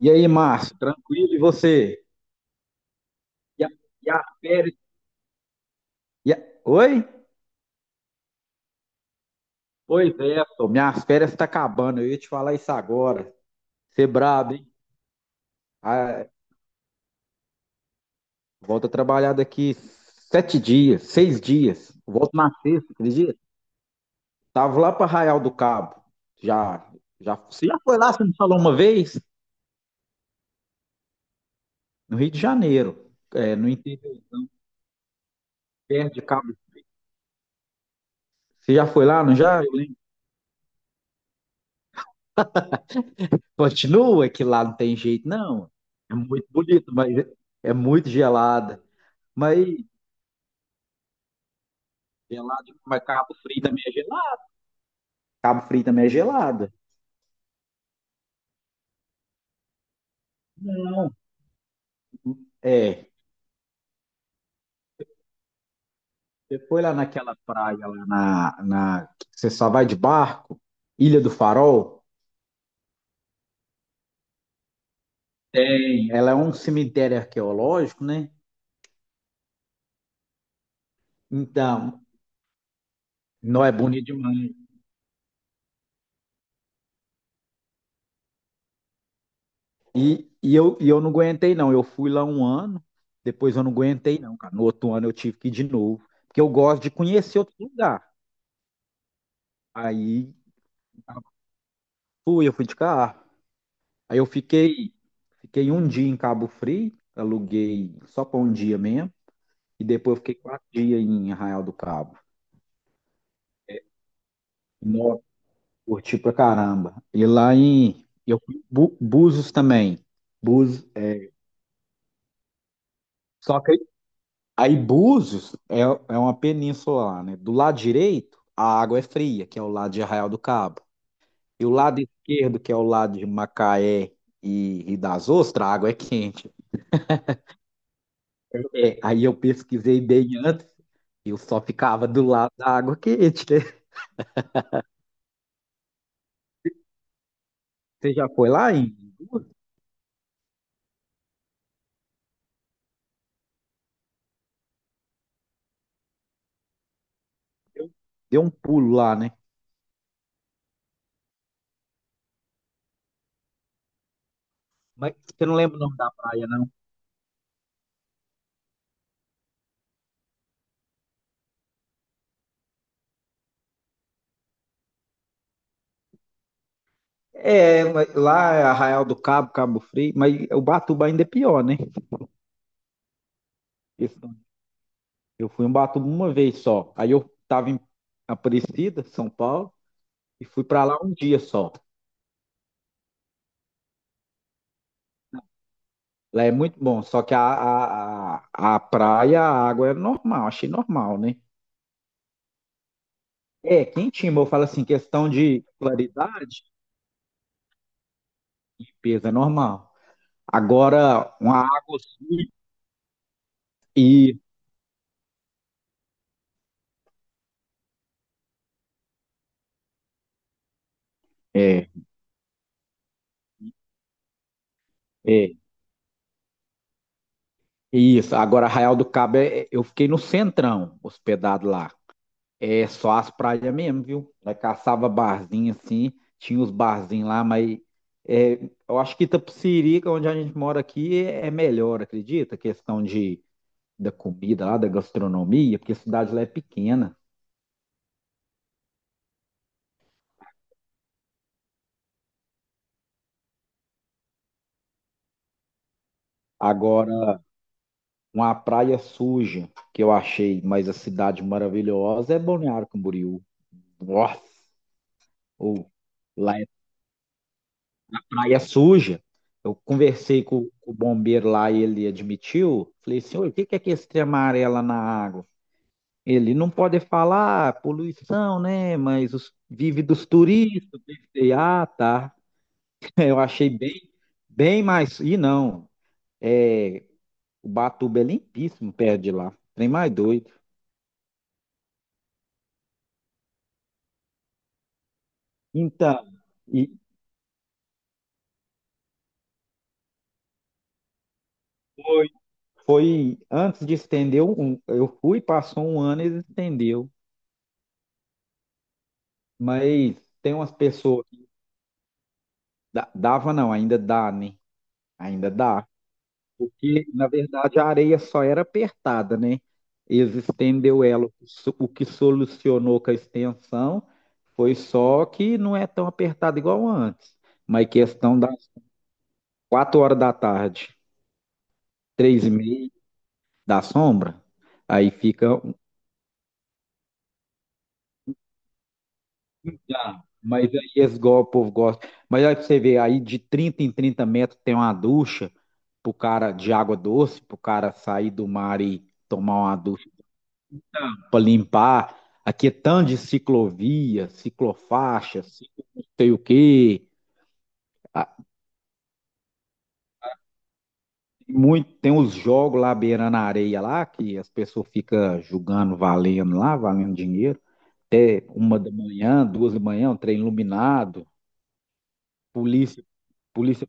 E aí, Márcio, tranquilo? E você? E a, e a férias? e a- Oi? Pois é, pô, minhas férias estão acabando. Eu ia te falar isso agora. Você é brabo, hein? Ah, volto a trabalhar daqui 7 dias, 6 dias. Volto na sexta, acredita? Tava lá para Arraial do Cabo. Já, já, você já foi lá? Você me falou uma vez? No Rio de Janeiro, é, no interior, perto de Cabo. Você já foi lá, não já? Continua que lá não tem jeito, não. É muito bonito, mas é muito gelada. Mas gelada, mas Cabo Frio também é gelado. Cabo Frio também é gelada. Não. É. Você foi lá naquela praia lá na que você só vai de barco? Ilha do Farol? Tem. Ela é um cemitério arqueológico, né? Então, não é bonito demais. E eu não aguentei, não. Eu fui lá um ano, depois eu não aguentei, não, cara. No outro ano eu tive que ir de novo. Porque eu gosto de conhecer outro lugar. Aí eu fui de carro. Aí eu fiquei um dia em Cabo Frio, aluguei só para um dia mesmo. E depois eu fiquei 4 dias em Arraial do Cabo. Nossa, curti pra caramba. E lá em. Eu fui em Búzios também. Búzios. É, só que Aí Búzios é uma península lá, né? Do lado direito, a água é fria, que é o lado de Arraial do Cabo. E o lado esquerdo, que é o lado de Macaé e das Ostras, a água é quente. É, aí eu pesquisei bem antes, eu só ficava do lado da água quente, né? Você já foi lá em Búzios? Eu- Deu um pulo lá, né? Mas você não lembra o nome da praia, não? É, mas lá é Arraial do Cabo, Cabo Frio, mas Ubatuba ainda é pior, né? Eu fui em Ubatuba uma vez só. Aí eu estava em Aparecida, São Paulo, e fui para lá um dia só. Lá é muito bom, só que a praia, a água é normal, achei normal, né? É, quentinho, mas eu falo assim, questão de claridade, limpeza, é normal. Agora, uma água suja e é, é isso. Agora, Arraial do Cabo, eu fiquei no centrão, hospedado lá. É só as praias mesmo, viu? Nós caçava barzinho assim, tinha os barzinhos lá, mas é, eu acho que Itapecerica, que é onde a gente mora aqui, é melhor, acredita? A questão de, da comida lá, da gastronomia, porque a cidade lá é pequena. Agora, uma praia suja que eu achei, mas a cidade maravilhosa é Balneário Camboriú. Nossa! Ou praia suja. Eu conversei com o bombeiro lá e ele admitiu. Falei, senhor, o que que é que esse trem amarelo na água? Ele não pode falar ah, poluição, né? Mas os, vive dos turistas. Eu pensei, ah, tá. Eu achei bem, bem mais. E não, é, o Batuba é limpíssimo perto de lá. Trem mais doido. Então, e foi, foi antes de estender, um, eu fui, passou um ano e eles estendeu. Mas tem umas pessoas Dava não, ainda dá, né? Ainda dá. Porque, na verdade, a areia só era apertada, né? Eles estendeu ela. O que solucionou com a extensão foi só que não é tão apertada igual antes. Mas questão das 4 horas da tarde, três e meia da sombra, aí fica. Ah, mas aí eles, o povo gosta. Mas aí pra você vê, aí de 30 em 30 metros tem uma ducha pro cara de água doce, pro cara sair do mar e. Tomar uma ducha para limpar. Aqui é tanto de ciclovia, ciclofaixa, sei o quê. Ah, muito, tem uns jogos lá beirando a areia lá, que as pessoas ficam julgando, valendo lá, valendo dinheiro. 1 da manhã, 2 da manhã, um trem iluminado, polícia, polícia.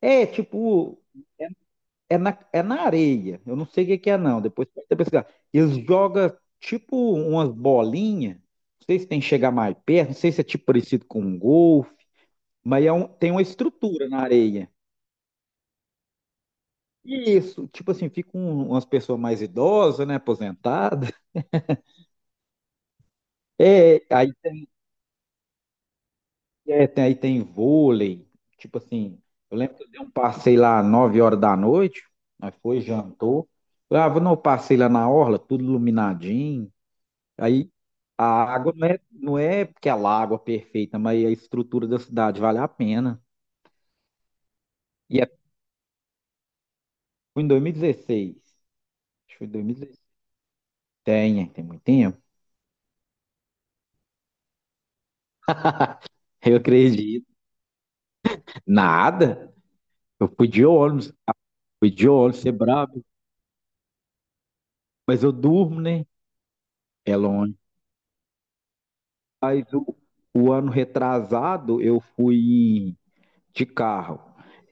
É, tipo, é, é na areia. Eu não sei o que que é, não. Depois pode até pesquisar. Eles jogam tipo umas bolinhas. Não sei se tem que chegar mais perto, não sei se é tipo parecido com um golfe. Mas tem uma estrutura na areia. E isso, tipo assim, ficam umas pessoas mais idosas, né, aposentadas. É, aí tem, é, aí tem vôlei, tipo assim, eu lembro que eu dei um passeio lá às 9 horas da noite, nós foi, jantou. Ah, vou não, passei lá na orla, tudo iluminadinho. Aí a água não é, não é porque ela é água perfeita, mas a estrutura da cidade vale a pena. E é, foi em 2016. Acho que foi em 2016. Tem muito tempo. Eu acredito. Nada. Eu fui de ônibus, ser brabo, mas eu durmo, né? É longe. Mas o ano retrasado eu fui de carro.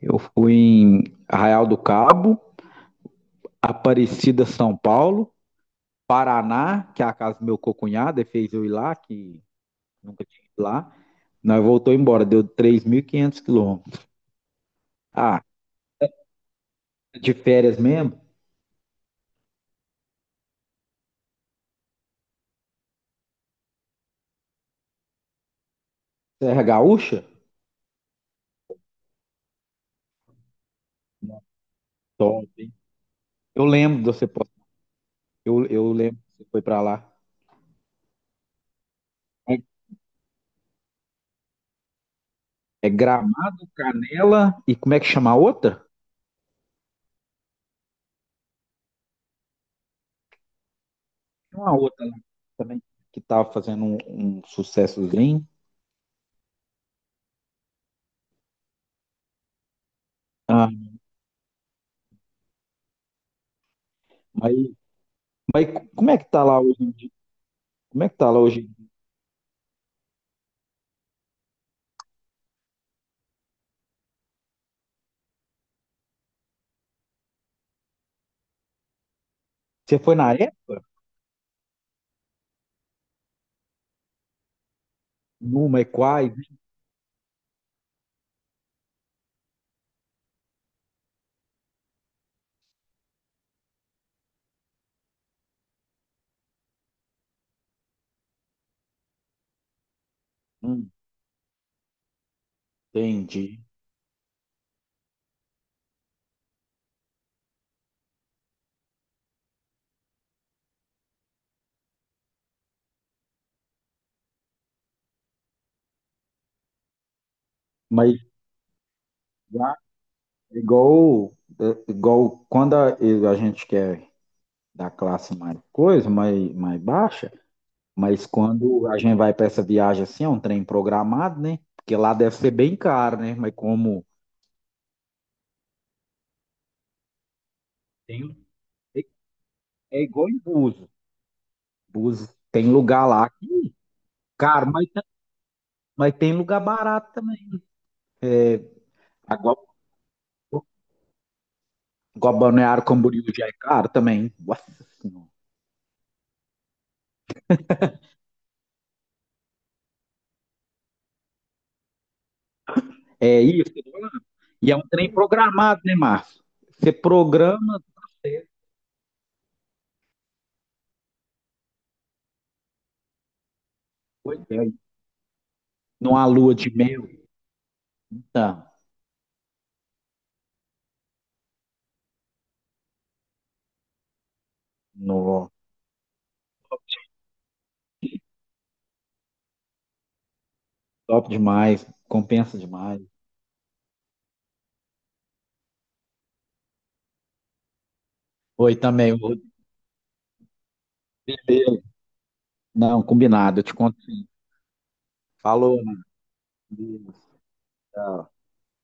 Eu fui em Arraial do Cabo, Aparecida, São Paulo, Paraná, que é a casa do meu cocunhado, ele fez eu ir lá, que nunca tinha ido lá. Nós voltou embora, deu 3.500 quilômetros. Ah, de férias mesmo? Serra Gaúcha? Top, hein? Eu lembro de você, pô. Eu lembro que você foi pra lá. É Gramado, Canela e como é que chama a outra? Tem uma outra lá também que tá fazendo um sucessozinho. Ah, mas, mas como é que tá lá hoje em dia? Como é que tá lá hoje em dia? Você foi na época? Numa e quais? Hum, entendi. Mas já é igual, é igual quando a gente quer da classe mais coisa, mais baixa, mas quando a gente vai para essa viagem assim, é um trem programado, né? Porque lá deve ser bem caro, né? Mas como tem, é igual em Búzios. Búzios tem lugar lá que, caro, mas tem lugar barato também. Agora, igual Balneário Camboriú já é caro também. Nossa Senhora. É isso que eu tô falando. E é um trem programado, né, Márcio? Você programa, tá certo. Pois é. Numa lua de mel. Então, no, top demais, compensa demais. Oi, também. Beleza. Não, combinado, eu te conto sim. Falou, Matheus. Tchau.